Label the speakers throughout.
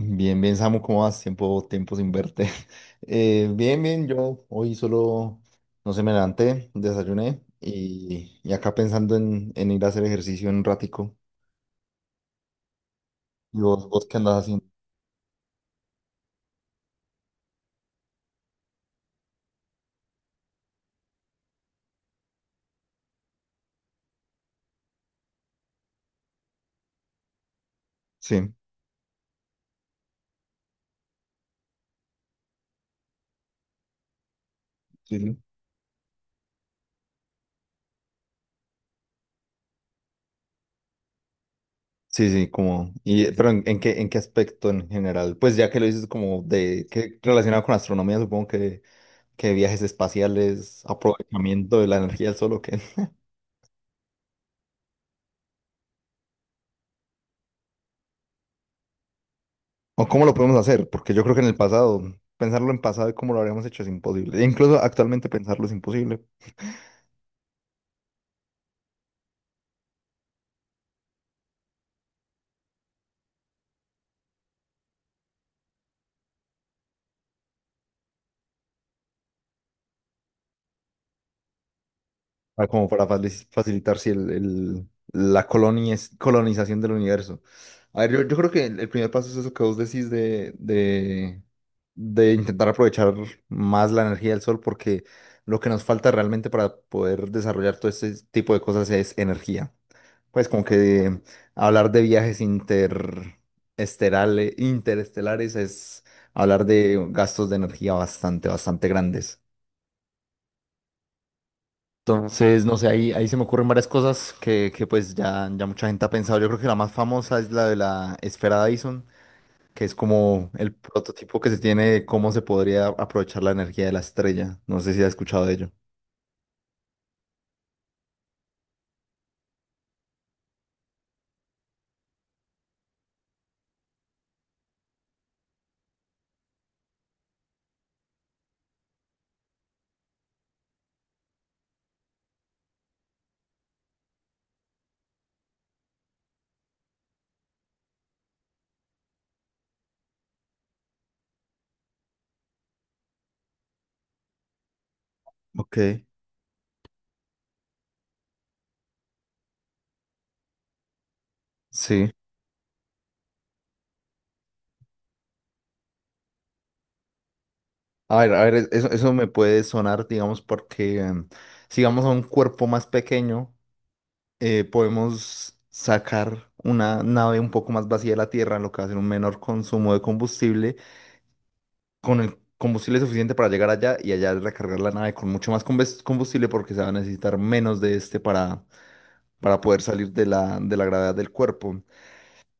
Speaker 1: Bien, bien, Samu, ¿cómo vas? Tiempo, tiempo sin verte. Bien, bien, yo hoy solo, no sé, me levanté, desayuné y acá pensando en ir a hacer ejercicio en un ratico. ¿Y vos qué andas haciendo? Sí, sí, sí, sí, sí, como, y, pero ¿en qué aspecto en general? Pues ya que lo dices como de, que relacionado con astronomía, supongo que, viajes espaciales, aprovechamiento de la energía del sol, ¿o qué? ¿O cómo lo podemos hacer? Porque yo creo que en el pasado, pensarlo en pasado y cómo lo habríamos hecho es imposible. E incluso actualmente pensarlo es imposible, ah, como para facilitar si colonización del universo. A ver, yo creo que el primer paso es eso que vos decís de intentar aprovechar más la energía del sol, porque lo que nos falta realmente para poder desarrollar todo este tipo de cosas es energía. Pues como que hablar de viajes interestelares es hablar de gastos de energía bastante, bastante grandes. Entonces, no sé, ahí se me ocurren varias cosas que pues ya mucha gente ha pensado. Yo creo que la más famosa es la de la esfera Dyson, que es como el prototipo que se tiene de cómo se podría aprovechar la energía de la estrella. No sé si has escuchado de ello. Ok. Sí. A ver, eso me puede sonar, digamos, porque si vamos a un cuerpo más pequeño, podemos sacar una nave un poco más vacía de la Tierra, lo que va a ser un menor consumo de combustible, con el combustible suficiente para llegar allá y allá recargar la nave con mucho más combustible porque se va a necesitar menos de este para poder salir de la gravedad del cuerpo.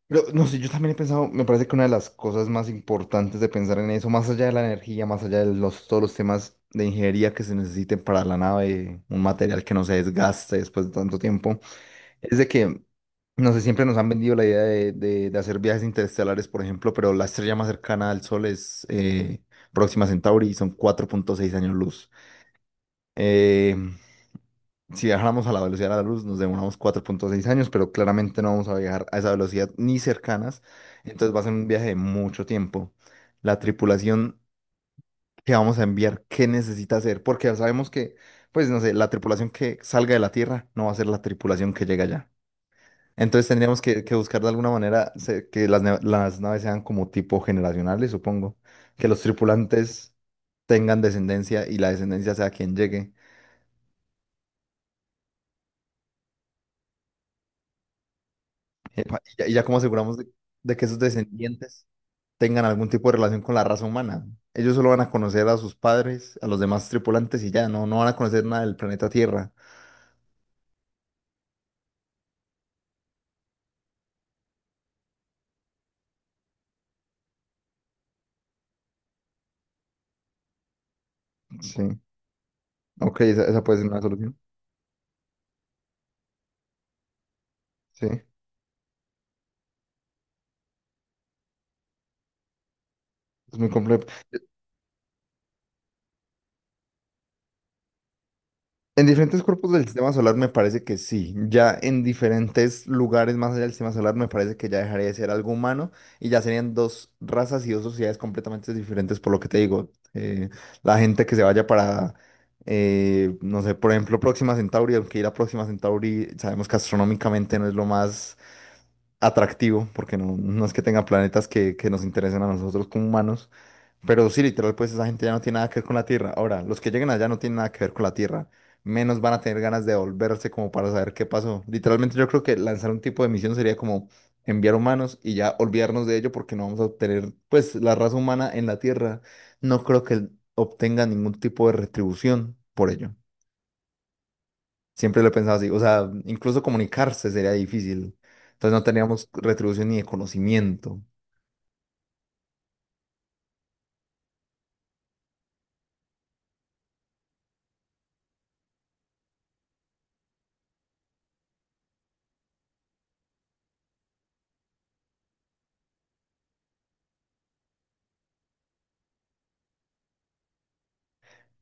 Speaker 1: Pero no sé, yo también he pensado, me parece que una de las cosas más importantes de pensar en eso, más allá de la energía, más allá de los, todos los temas de ingeniería que se necesiten para la nave, un material que no se desgaste después de tanto tiempo. Es de que, no sé, siempre nos han vendido la idea de hacer viajes interestelares, por ejemplo, pero la estrella más cercana al Sol es Próxima Centauri y son 4.6 años luz. Eh, si viajáramos a la velocidad de la luz, nos demoramos 4.6 años, pero claramente no vamos a viajar a esa velocidad ni cercanas, entonces va a ser un viaje de mucho tiempo. La tripulación que vamos a enviar, ¿qué necesita hacer? Porque ya sabemos que, pues, no sé, la tripulación que salga de la Tierra no va a ser la tripulación que llega allá. Entonces tendríamos que buscar de alguna manera que las naves sean como tipo generacionales, supongo. Que los tripulantes tengan descendencia y la descendencia sea quien llegue. Epa, Y ya como aseguramos de que esos descendientes tengan algún tipo de relación con la raza humana. Ellos solo van a conocer a sus padres, a los demás tripulantes y ya, no van a conocer nada del planeta Tierra. Sí. Ok, esa puede ser una solución. Sí. Es muy complejo. En diferentes cuerpos del sistema solar me parece que sí. Ya en diferentes lugares más allá del sistema solar me parece que ya dejaría de ser algo humano y ya serían dos razas y dos sociedades completamente diferentes por lo que te digo. La gente que se vaya para, no sé, por ejemplo, Próxima Centauri, aunque ir a Próxima Centauri sabemos que astronómicamente no es lo más atractivo porque no es que tenga planetas que nos interesen a nosotros como humanos. Pero sí, literal, pues esa gente ya no tiene nada que ver con la tierra. Ahora, los que lleguen allá no tienen nada que ver con la tierra. Menos van a tener ganas de volverse como para saber qué pasó. Literalmente yo creo que lanzar un tipo de misión sería como enviar humanos y ya olvidarnos de ello porque no vamos a obtener, pues la raza humana en la tierra no creo que obtenga ningún tipo de retribución por ello. Siempre lo he pensado así. O sea, incluso comunicarse sería difícil. Entonces no teníamos retribución ni de conocimiento.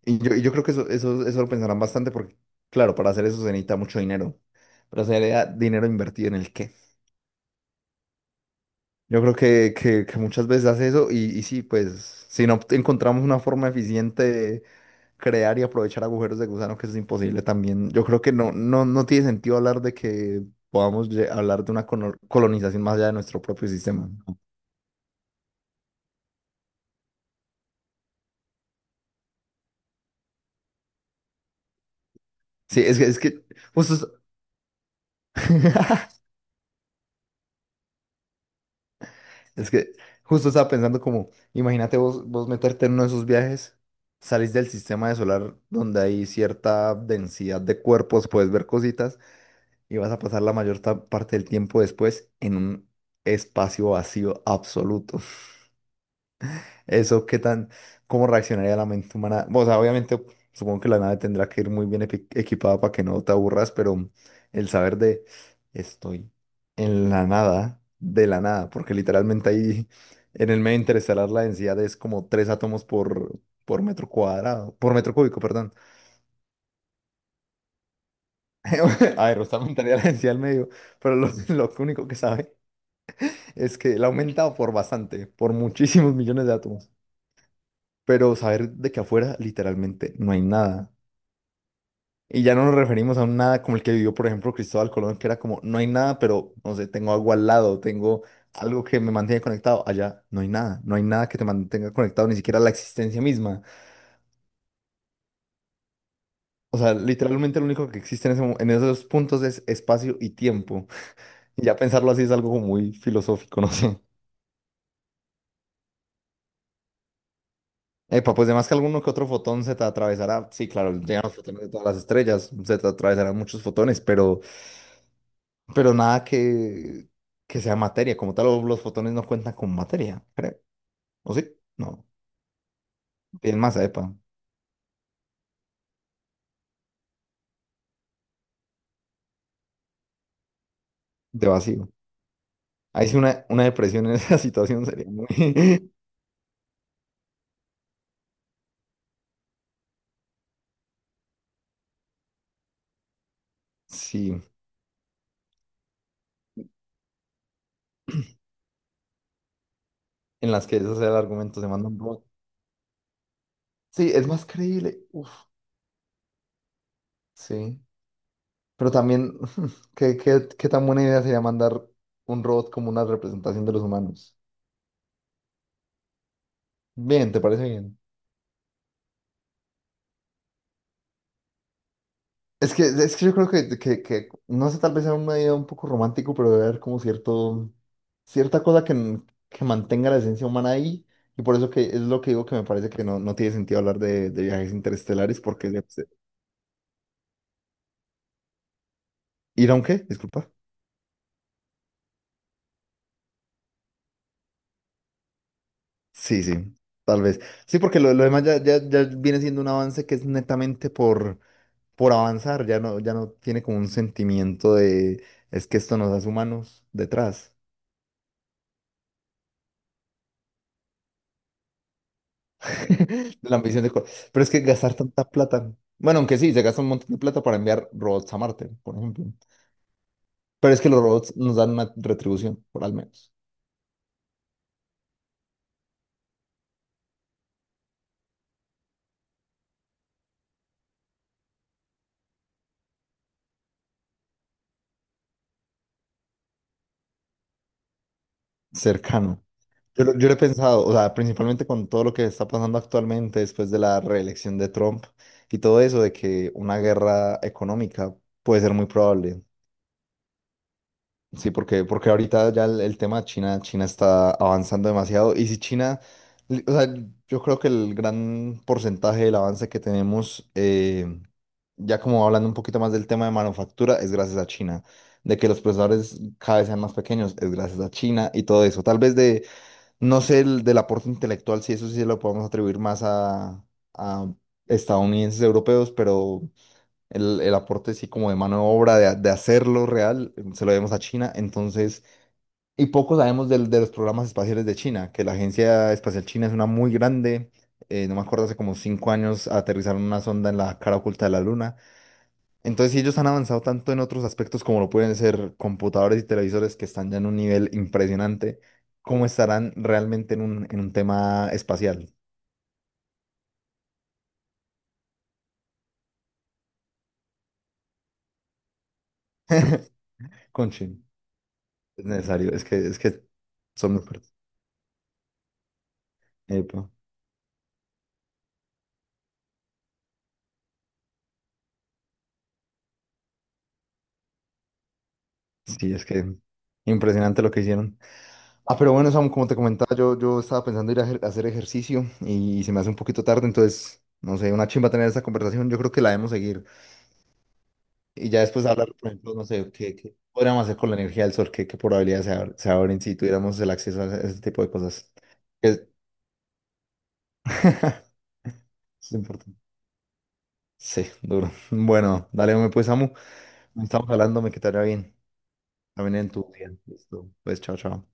Speaker 1: Y yo creo que eso lo pensarán bastante porque, claro, para hacer eso se necesita mucho dinero. Pero sería dinero invertido en el qué. Yo creo que muchas veces hace eso y sí, pues si no encontramos una forma eficiente de crear y aprovechar agujeros de gusano, que eso es imposible también. Yo creo que no tiene sentido hablar de que podamos hablar de una colonización más allá de nuestro propio sistema, ¿no? Sí, es que justo Es que justo estaba pensando como, imagínate vos, meterte en uno de esos viajes, salís del sistema de solar donde hay cierta densidad de cuerpos, puedes ver cositas y vas a pasar la mayor parte del tiempo después en un espacio vacío absoluto. Eso, ¿cómo reaccionaría la mente humana? O sea, obviamente, supongo que la nave tendrá que ir muy bien equipada para que no te aburras, pero el saber de estoy en la nada, de la nada, porque literalmente ahí en el medio interestelar la densidad es como tres átomos por metro cuadrado, por metro cúbico, perdón. A ver, usted aumentaría la densidad al medio, pero lo, lo único que sabe es que la ha aumentado por bastante, por muchísimos millones de átomos. Pero saber de que afuera literalmente no hay nada. Y ya no nos referimos a un nada como el que vivió, por ejemplo, Cristóbal Colón, que era como, no hay nada, pero, no sé, tengo agua al lado, tengo algo que me mantiene conectado. Allá no hay nada, no hay nada que te mantenga conectado, ni siquiera la existencia misma. O sea, literalmente lo único que existe en esos puntos es espacio y tiempo. Y ya pensarlo así es algo como muy filosófico, no sé. Epa, pues además que alguno que otro fotón se te atravesará. Sí, claro, llegan los fotones de todas las estrellas, se te atravesarán muchos fotones, pero. Pero nada que sea materia. Como tal, los fotones no cuentan con materia, creo. ¿O sí? No. Tienen masa, epa, de vacío. Ahí sí una depresión en esa situación sería muy. Sí, en las que ese sea el argumento, se manda un robot. Sí, es más creíble. Uf, sí. Pero también, ¿qué tan buena idea sería mandar un robot como una representación de los humanos? Bien, ¿te parece bien? Es que yo creo que, no sé, tal vez sea una idea un poco romántico, pero debe haber como cierto, cierta cosa que, que mantenga la esencia humana ahí. Y por eso que es lo que digo que me parece que no tiene sentido hablar de viajes interestelares, porque ¿ir a un qué? Disculpa. Sí, sí, tal vez. Sí, porque lo demás ya, viene siendo un avance que es netamente por avanzar, ya no tiene como un sentimiento de es que esto nos hace humanos detrás. de la misión de. Pero es que gastar tanta plata. Bueno, aunque sí, se gasta un montón de plata para enviar robots a Marte, por ejemplo. Pero es que los robots nos dan una retribución, por al menos, cercano. Yo lo he pensado, o sea, principalmente con todo lo que está pasando actualmente después de la reelección de Trump y todo eso, de que una guerra económica puede ser muy probable. Sí, porque ahorita ya el tema de China, China está avanzando demasiado. Y si China, o sea, yo creo que el gran porcentaje del avance que tenemos, ya como hablando un poquito más del tema de manufactura, es gracias a China. De que los procesadores cada vez sean más pequeños, es gracias a China y todo eso. Tal vez de, no sé, del aporte intelectual, si eso sí se lo podemos atribuir más a, estadounidenses, europeos, pero el aporte sí como de mano de obra, de hacerlo real, se lo debemos a China. Entonces, y poco sabemos de los programas espaciales de China, que la Agencia Espacial China es una muy grande. No me acuerdo, hace como 5 años aterrizaron una sonda en la cara oculta de la Luna. Entonces, si ellos han avanzado tanto en otros aspectos como lo pueden ser computadores y televisores que están ya en un nivel impresionante, ¿cómo estarán realmente en un tema espacial? con China es necesario, es que son muy fuertes. Epa. Sí, es que impresionante lo que hicieron. Ah, pero bueno, Samu, como te comentaba, yo estaba pensando ir a hacer ejercicio y, se me hace un poquito tarde, entonces, no sé, una chimba tener esta conversación, yo creo que la debemos seguir. Y ya después hablar, por ejemplo, no sé, qué podríamos hacer con la energía del sol, qué probabilidades se abren si tuviéramos el acceso a ese tipo de cosas. Es, es importante. Sí, duro. Bueno, dale, hombre, pues, Samu, estamos hablándome que te vaya bien, también en tu día. Listo. Pues, chao, chao.